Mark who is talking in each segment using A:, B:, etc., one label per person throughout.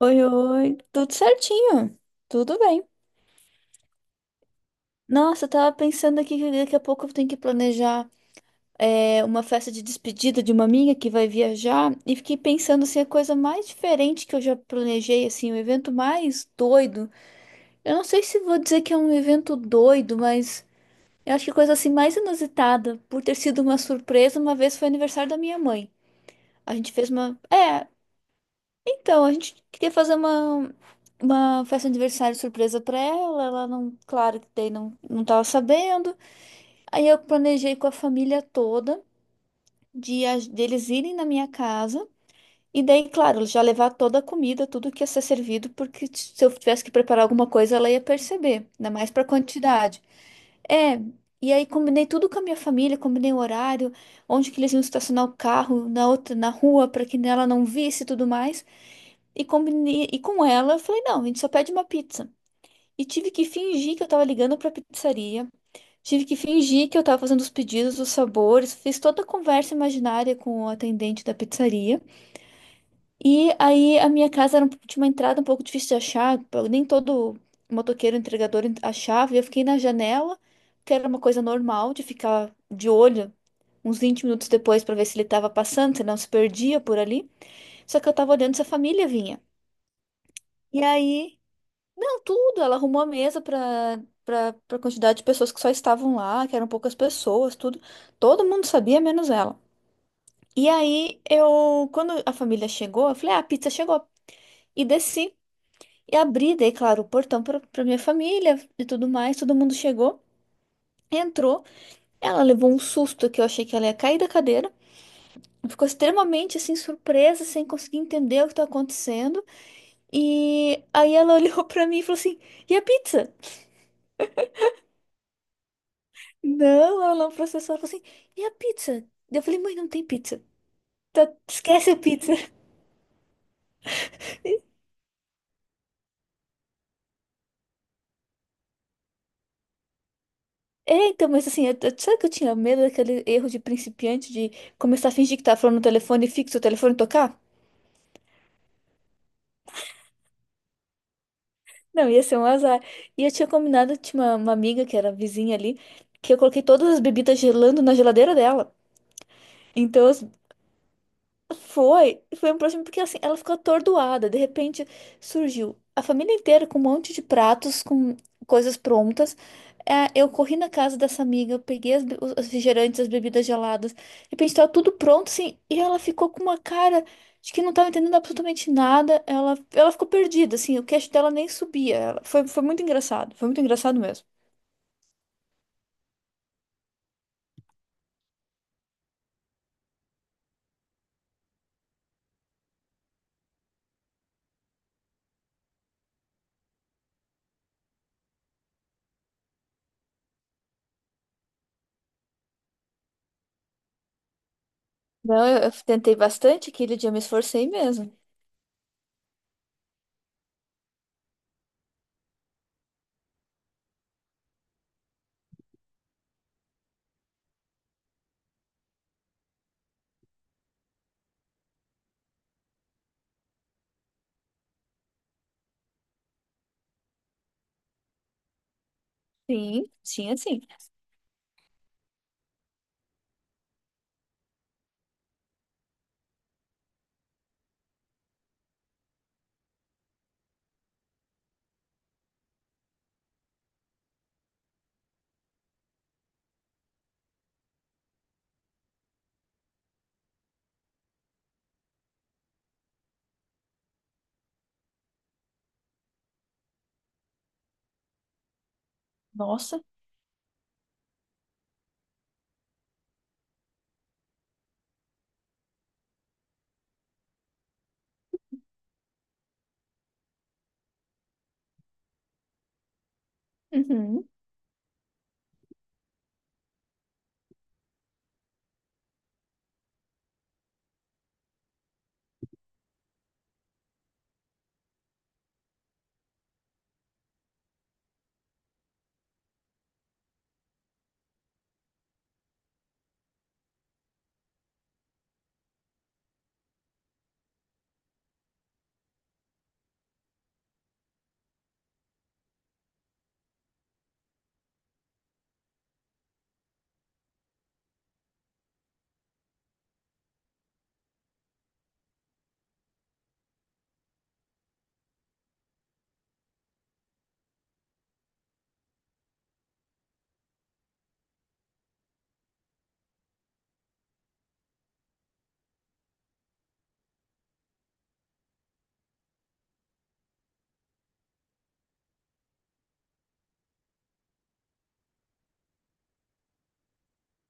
A: Oi, oi. Tudo certinho. Tudo bem. Nossa, eu tava pensando aqui que daqui a pouco eu tenho que planejar uma festa de despedida de uma amiga que vai viajar. E fiquei pensando assim, a coisa mais diferente que eu já planejei, assim, o evento mais doido. Eu não sei se vou dizer que é um evento doido, mas eu acho que a coisa assim mais inusitada, por ter sido uma surpresa, uma vez foi aniversário da minha mãe. A gente fez uma. É, Então, a gente queria fazer uma festa de aniversário surpresa pra ela. Ela não, claro que daí não tava sabendo. Aí eu planejei com a família toda de deles irem na minha casa. E daí, claro, já levar toda a comida, tudo que ia ser servido, porque se eu tivesse que preparar alguma coisa, ela ia perceber, ainda mais pra quantidade. É, e aí combinei tudo com a minha família, combinei o horário, onde que eles iam estacionar o carro, na outra, na rua, para que ela não visse e tudo mais. E combinei, e com ela, eu falei, não, a gente só pede uma pizza. E tive que fingir que eu tava ligando pra pizzaria, tive que fingir que eu tava fazendo os pedidos, os sabores, fiz toda a conversa imaginária com o atendente da pizzaria. E aí a minha casa era um, tinha uma entrada um pouco difícil de achar, pô, nem todo motoqueiro, entregador achava, e eu fiquei na janela, que era uma coisa normal de ficar de olho. Uns 20 minutos depois pra ver se ele tava passando, se não se perdia por ali. Só que eu tava olhando se a família vinha. E aí. Não, tudo. Ela arrumou a mesa para para quantidade de pessoas que só estavam lá, que eram poucas pessoas, tudo. Todo mundo sabia, menos ela. E aí eu, quando a família chegou, eu falei: "Ah, a pizza chegou". E desci e abri, dei, claro, o portão para minha família e tudo mais. Todo mundo chegou, entrou. Ela levou um susto que eu achei que ela ia cair da cadeira. Ficou extremamente assim surpresa, sem conseguir entender o que tá acontecendo. E aí ela olhou para mim e falou assim: "E a pizza?" Não, ela não processou. Ela falou assim, e a pizza? Eu falei, mãe, não tem pizza. Tá, esquece a pizza. Então, mas assim, eu, sabe que eu tinha medo daquele erro de principiante de começar a fingir que tá falando no telefone fixo, o telefone tocar? Não, ia ser um azar. E eu tinha combinado, tinha uma amiga que era vizinha ali, que eu coloquei todas as bebidas gelando na geladeira dela. Então, as Foi um problema porque assim, ela ficou atordoada. De repente surgiu a família inteira com um monte de pratos, com coisas prontas. Eu corri na casa dessa amiga, eu peguei as, be- os refrigerantes, as bebidas geladas. De repente tava tudo pronto, assim, e ela ficou com uma cara de que não tava entendendo absolutamente nada. Ela ficou perdida, assim, o queixo dela nem subia. Foi muito engraçado, foi muito engraçado mesmo. Não, eu tentei bastante, aquele dia eu me esforcei mesmo. Sim, sim, assim. Nossa. Uhum.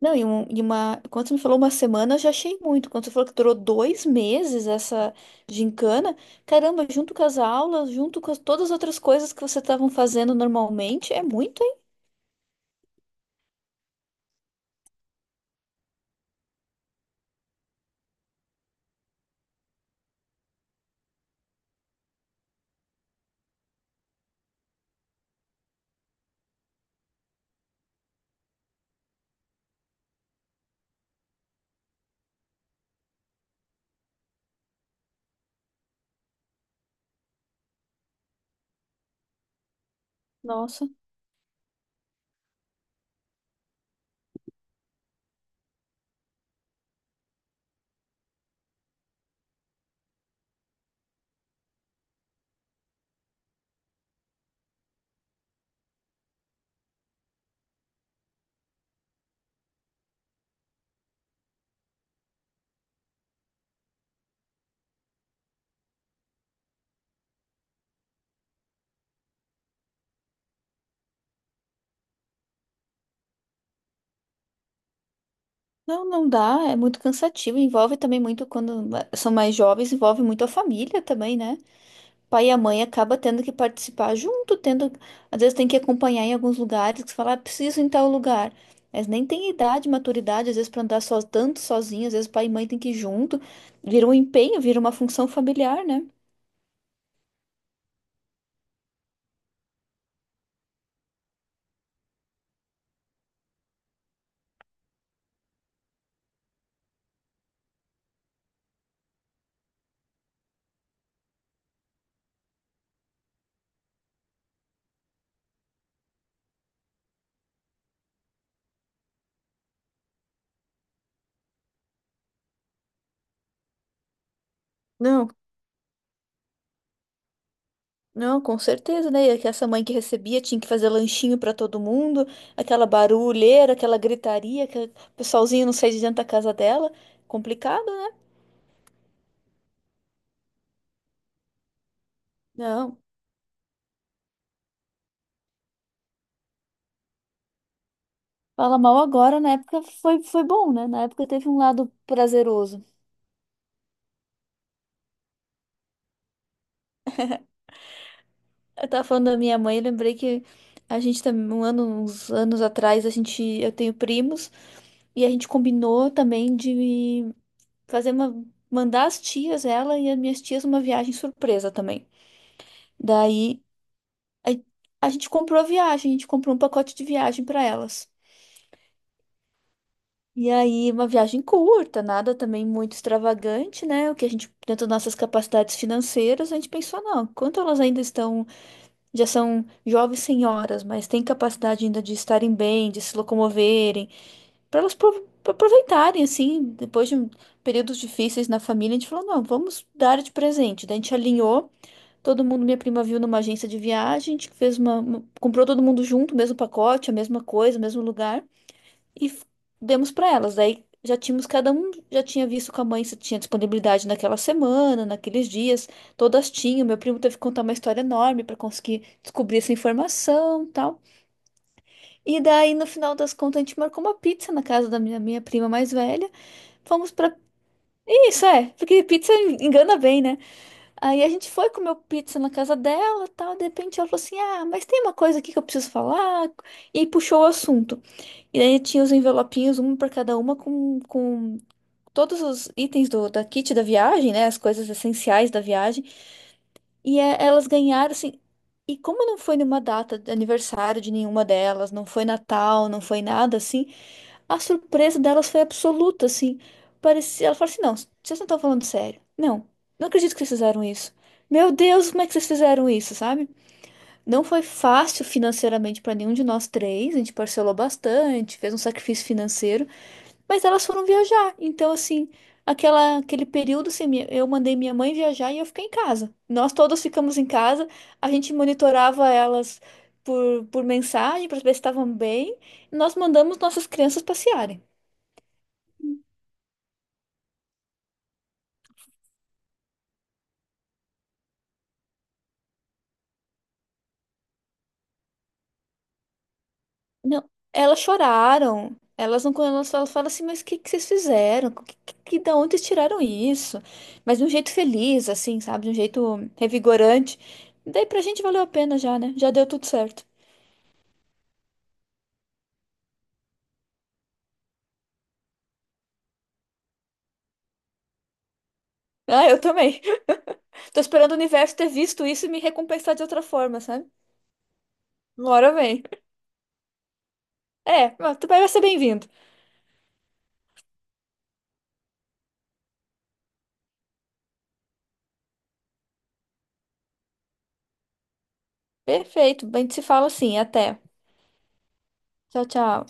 A: Não, e, uma. Quando você me falou uma semana, eu já achei muito. Quando você falou que durou 2 meses essa gincana, caramba, junto com as aulas, junto com todas as outras coisas que vocês estavam fazendo normalmente, é muito, hein? Nossa. Não, não dá, é muito cansativo. Envolve também muito, quando são mais jovens, envolve muito a família também, né? Pai e a mãe acaba tendo que participar junto, tendo, às vezes tem que acompanhar em alguns lugares, que falar, ah, preciso ir em tal lugar. Mas nem tem idade, maturidade, às vezes para andar só, tanto sozinho, às vezes pai e mãe tem que ir junto. Vira um empenho, vira uma função familiar, né? Não, não, com certeza, né? E é que essa mãe que recebia tinha que fazer lanchinho para todo mundo, aquela barulheira, aquela gritaria, que o pessoalzinho não sai de dentro da casa dela. Complicado, né? Não. Fala mal agora, na época foi bom, né? Na época teve um lado prazeroso. Eu tava falando da minha mãe, eu lembrei que a gente tá um ano, uns anos atrás, a gente, eu tenho primos e a gente combinou também de fazer uma mandar as tias, ela e as minhas tias uma viagem surpresa também. Daí a, a gente comprou a viagem, a gente comprou um pacote de viagem para elas. E aí uma viagem curta, nada também muito extravagante, né? O que a gente, dentro das nossas capacidades financeiras, a gente pensou, não, quanto elas ainda estão já são jovens senhoras, mas têm capacidade ainda de estarem bem, de se locomoverem, para elas aproveitarem, assim, depois de períodos difíceis na família, a gente falou, não, vamos dar de presente. Daí a gente alinhou, todo mundo, minha prima viu numa agência de viagem, a gente comprou todo mundo junto, o mesmo pacote, a mesma coisa, o mesmo lugar e demos para elas. Daí já tínhamos, cada um já tinha visto com a mãe se tinha disponibilidade naquela semana, naqueles dias, todas tinham. Meu primo teve que contar uma história enorme para conseguir descobrir essa informação, tal. E daí no final das contas a gente marcou uma pizza na casa da minha prima mais velha. Fomos para Isso é, porque pizza engana bem, né? Aí a gente foi comer pizza na casa dela, tal, de repente ela falou assim: "Ah, mas tem uma coisa aqui que eu preciso falar". E puxou o assunto. E daí tinha os envelopinhos, um para cada uma, com todos os itens da kit da viagem, né? As coisas essenciais da viagem. E elas ganharam, assim. E como não foi numa data de aniversário de nenhuma delas, não foi Natal, não foi nada assim, a surpresa delas foi absoluta, assim. Parecia, ela falou assim: não, vocês não estão falando sério. Não, não acredito que vocês fizeram isso. Meu Deus, como é que vocês fizeram isso, sabe? Não foi fácil financeiramente para nenhum de nós três, a gente parcelou bastante, fez um sacrifício financeiro. Mas elas foram viajar. Então, assim, aquele período, assim, eu mandei minha mãe viajar e eu fiquei em casa. Nós todas ficamos em casa, a gente monitorava elas por mensagem para ver se estavam bem. E nós mandamos nossas crianças passearem. Não, elas choraram. Elas não, elas falam assim, mas o que, que vocês fizeram? Da onde vocês tiraram isso? Mas de um jeito feliz, assim, sabe? De um jeito revigorante. Daí pra gente valeu a pena já, né? Já deu tudo certo. Ah, eu também. Tô esperando o universo ter visto isso e me recompensar de outra forma, sabe? Uma hora vem. É, mas tu vai ser bem-vindo. Perfeito. A gente se fala assim. Até. Tchau, tchau.